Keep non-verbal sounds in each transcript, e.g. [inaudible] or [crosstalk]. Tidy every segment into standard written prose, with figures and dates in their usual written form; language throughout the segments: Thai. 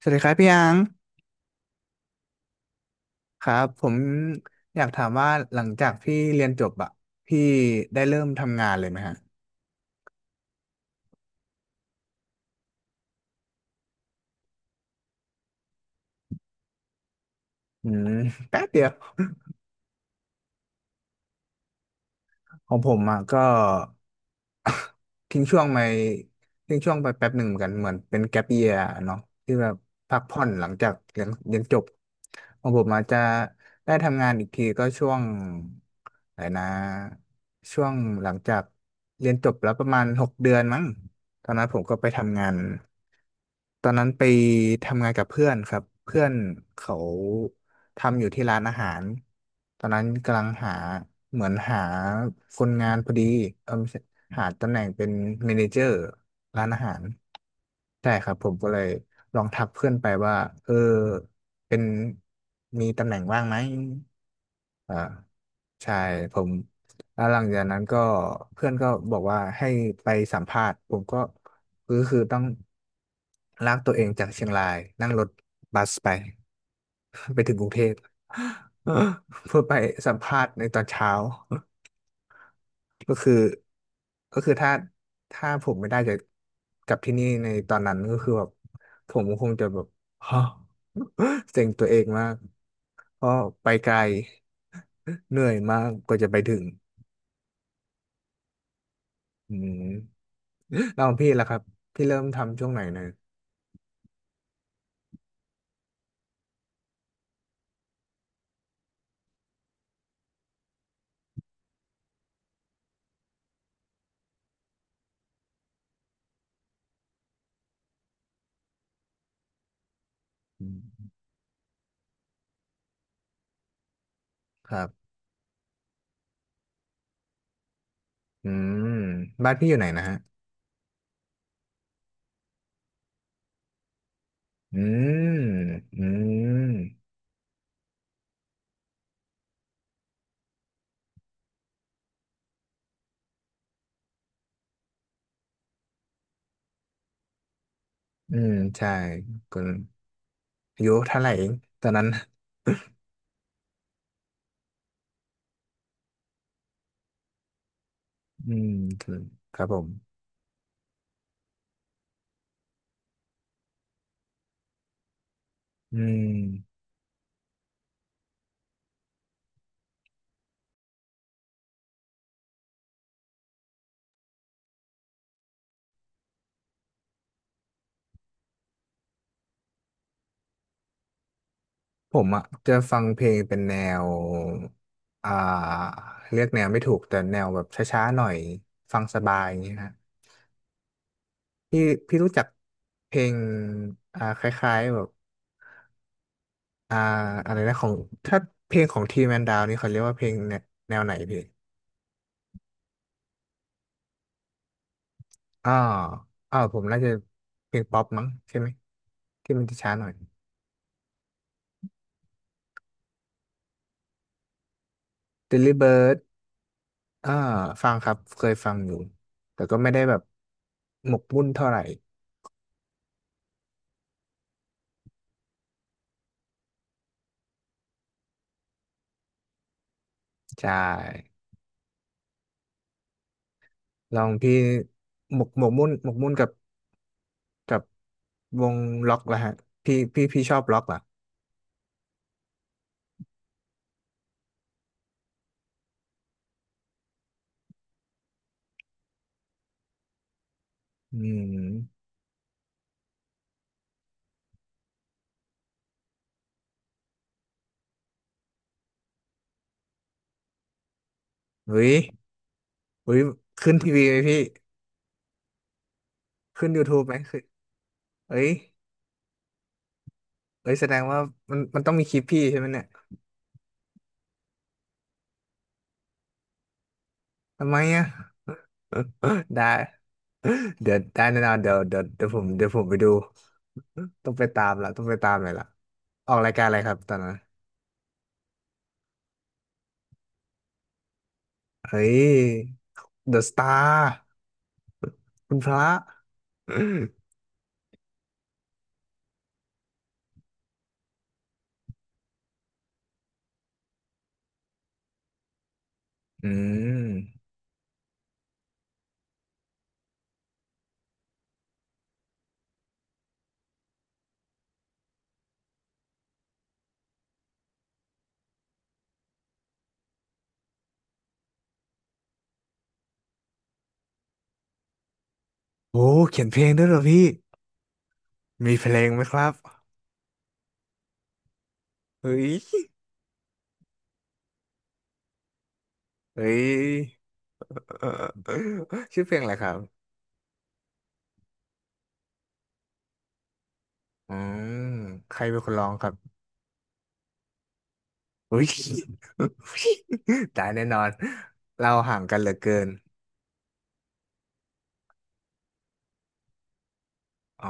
สวัสดีครับพี่อังครับผมอยากถามว่าหลังจากพี่เรียนจบอะพี่ได้เริ่มทำงานเลยไหมฮะอืมแป๊บเดียวของผมอะก็ ทิ้งช่วงไปทิ้งช่วงไปแป๊บหนึ่งเหมือนกันเหมือนเป็นแก๊ปเยียเนาะที่แบบพักผ่อนหลังจากเรียนจบของผมอาจจะได้ทำงานอีกทีก็ช่วงอะไรนะช่วงหลังจากเรียนจบแล้วประมาณ6 เดือนมั้งตอนนั้นผมก็ไปทำงานตอนนั้นไปทำงานกับเพื่อนครับเพื่อนเขา ทำอยู่ที่ร้านอาหารตอนนั้นกำลังหาเหมือนหาคนงานพอดีเออไม่ใช่หาตำแหน่งเป็นเมเนเจอร์ร้านอาหารใช่ครับผมก็เลยลองทักเพื่อนไปว่าเออเป็นมีตำแหน่งว่างไหม อ่าใช่ผมแล้วหลังจากนั้นก็เพื่อนก็บอกว่าให้ไปสัมภาษณ์ผมก็คือต้องลากตัวเองจากเชียงรายนั่งรถบัสไป [laughs] ไปถึงกรุงเทพ [laughs] เพื่อไปสัมภาษณ์ในตอนเช้า [laughs] ก็คือก็คือถ้าผมไม่ได้จะกลับที่นี่ในตอนนั้นก็คือแบบผมคงจะแบบ [laughs] ฮะเซ็งตัวเองมาก ก็ไปไกล [laughs] เหนื่อยมากกว่าจะไปถึงอืมแล้วของพี่ล่ะครับพี่เริ่มทำช่วงไหนนะอืมครับอืมบ้านพี่อยู่ไหนนะฮะอืมอืมอืมใช่ก็อายุเท่าไหร่เองตอนนั้นอืมครับผมอืมผมอ่ะจะฟังเพลงเป็นแนวอ่าเรียกแนวไม่ถูกแต่แนวแบบช้าๆหน่อยฟังสบายอย่างเงี้ยฮะ พี่พี่รู้จักเพลงคล้ายๆแบบอ่าอะไรนะของถ้าเพลงของทีแมนดาวนี่เขาเรียกว่าเพลงแนวแนวไหนพี่อ่อผมน่าจะเพลงป๊อปมั้งใช่ไหมที่มันจะช้าหน่อย Delly Bird อ่าฟังครับเคยฟังอยู่แต่ก็ไม่ได้แบบหมกมุ่นเท่าไหร่ใช่ลองพี่หมกมุ่นกับวงล็อกละฮะพี่ชอบล็อกเหรออืมเฮ้ย อุ้ยขึ้นทีวีไหมพี่ขึ้น YouTube ไหมขึ้นเอ้ยเอ้ยแสดงว่ามันต้องมีคลิปพี่ใช่ไหมเนี่ยทำไมอ่ะ [laughs] ได้ [laughs] เดี๋ยวได้แน่นอนเดี๋ยวผมไปดูต้องไปตามเลอยละออกรายการอะไรครับตอนนั้นเฮ้ย The Star คุณพระ [laughs] อืมโอ้เขียนเพลงด้วยเหรอพี่มีเพลงไหมครับเฮ้ยเฮ้ย [laughs] เออชื่อเพลงอะไรครับ อืมใครเป็นคนร้องครับ [laughs] อุ้ย [laughs] ตายแน่นอนเราห่างกันเหลือเกินอ๋อ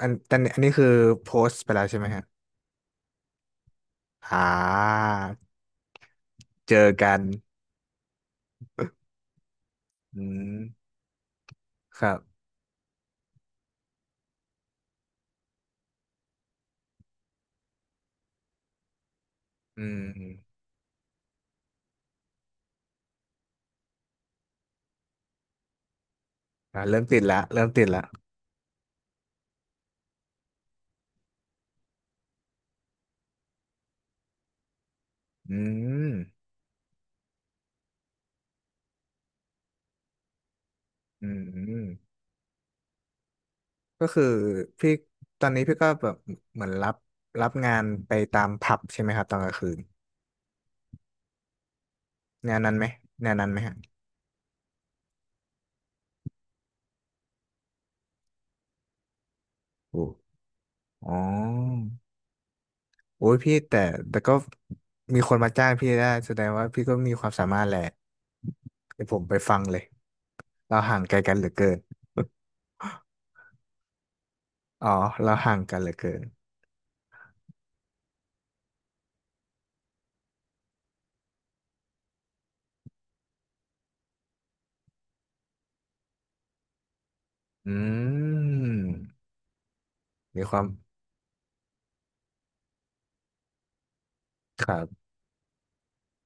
อันนี้คือโพสต์ไปแล้วใช่ไหมฮะอ่าเจอกันอืมครับอืมอ่าเริ่มติดละอืมอืมอืมก็คือพี่ตอนนี้พี่ก็แบบเหมือนรับงานไปตามผับใช่ไหมครับตอนกลางคืนงานนั้นไหมงานนั้นไหมฮะโอ้อ๋อ โอ้ยพี่แต่ก็มีคนมาจ้างพี่ได้แสดงว่าพี่ก็มีความสามารถแหละเดี๋ยวผมไปฟังเลยเราห่างไกลกันเหลือเกินอ๋อเราห่างกันเหลือเกินอืมมีความครับ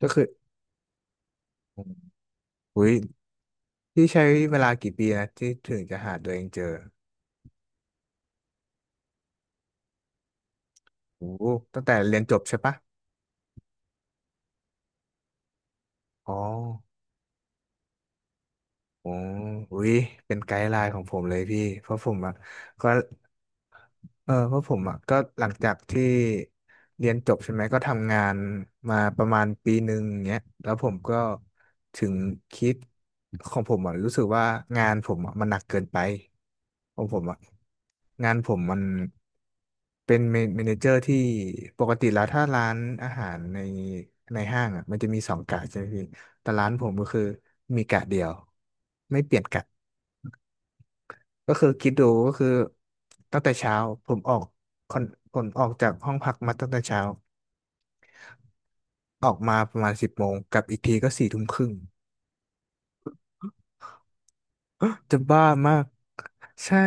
ก็คืออุ้ยพี่ใช้เวลากี่ปีนะที่ถึงจะหาตัวเองเจอโอ้โหตั้งแต่เรียนจบใช่ปะอ๋อโอ้อุ้ยเป็นไกด์ไลน์ของผมเลยพี่เพราะผมอะก็ เออเพราะผมอ่ะก็หลังจากที่เรียนจบใช่ไหมก็ทำงานมาประมาณ1 ปีเงี้ยแล้วผมก็ถึงคิดของผมอ่ะรู้สึกว่างานผมอ่ะมันหนักเกินไปของผมอ่ะงานผมมันเป็นเมนเจอร์ที่ปกติแล้วถ้าร้านอาหารในห้างอ่ะมันจะมี2 กะใช่ไหมพี่แต่ร้านผมก็คือมีกะเดียวไม่เปลี่ยนกะ ก็คือคิดดูก็คือตั้งแต่เช้าผมออกคอนผมออกจากห้องพักมาตั้งแต่เช้าออกมาประมาณ10 โมงกลับอีกทีก็4 ทุ่มครึ่ง [gasps] จะบ้ามากใช่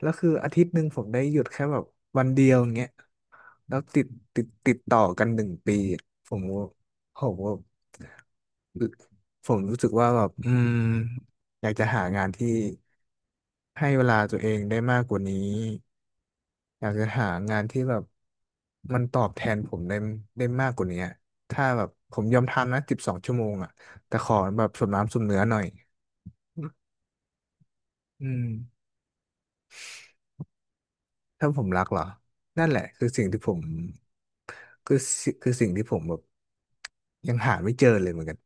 แล้วคืออาทิตย์หนึ่งผมได้หยุดแค่แบบวันเดียวอย่างเงี้ยแล้วติดต่อกัน1 ปีอะผมผมรู้สึกว่าแบบอยากจะหางานที่ให้เวลาตัวเองได้มากกว่านี้ อยากจะหางานที่แบบมันตอบแทนผมได้มากกว่านี้อะถ้าแบบผมยอมทำนะ12 ชั่วโมงอ่ะแต่ขอแบบสมน้ำสมเนื้อหน่อยอืมถ้าผมรักเหรอ นั่นแหละคือสิ่งที่ผมคือสิ่งที่ผมแบบยังหาไม่เจอเลยเหมือนกัน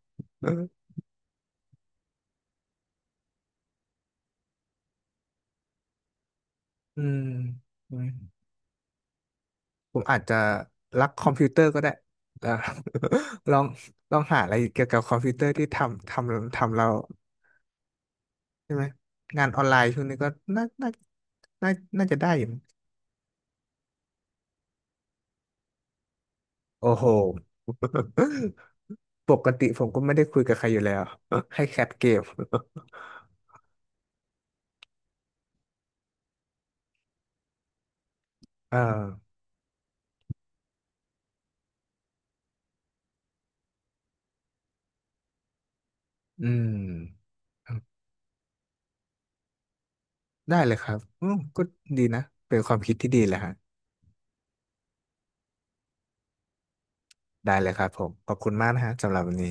อืมอืมผมอาจจะรักคอมพิวเตอร์ก็ได้แล้ว [laughs] ลองลองหาอะไรเกี่ยวกับคอมพิวเตอร์ที่ทำเรา ใช่ไหมงานออนไลน์ช่วงนี้ก็น่าน่าน่าน่าจะได้อยู่มั้งโอ้โหปกติผมก็ไม่ได้คุยกับใครอยู่แล้ว [laughs] ให้แคปเกม [laughs] เอออืมได้เลยครับอืมก็ดีนะเป็นความคิดที่ดีเลยฮะได้เลยครับผมขอบคุณมากนะฮะสำหรับวันนี้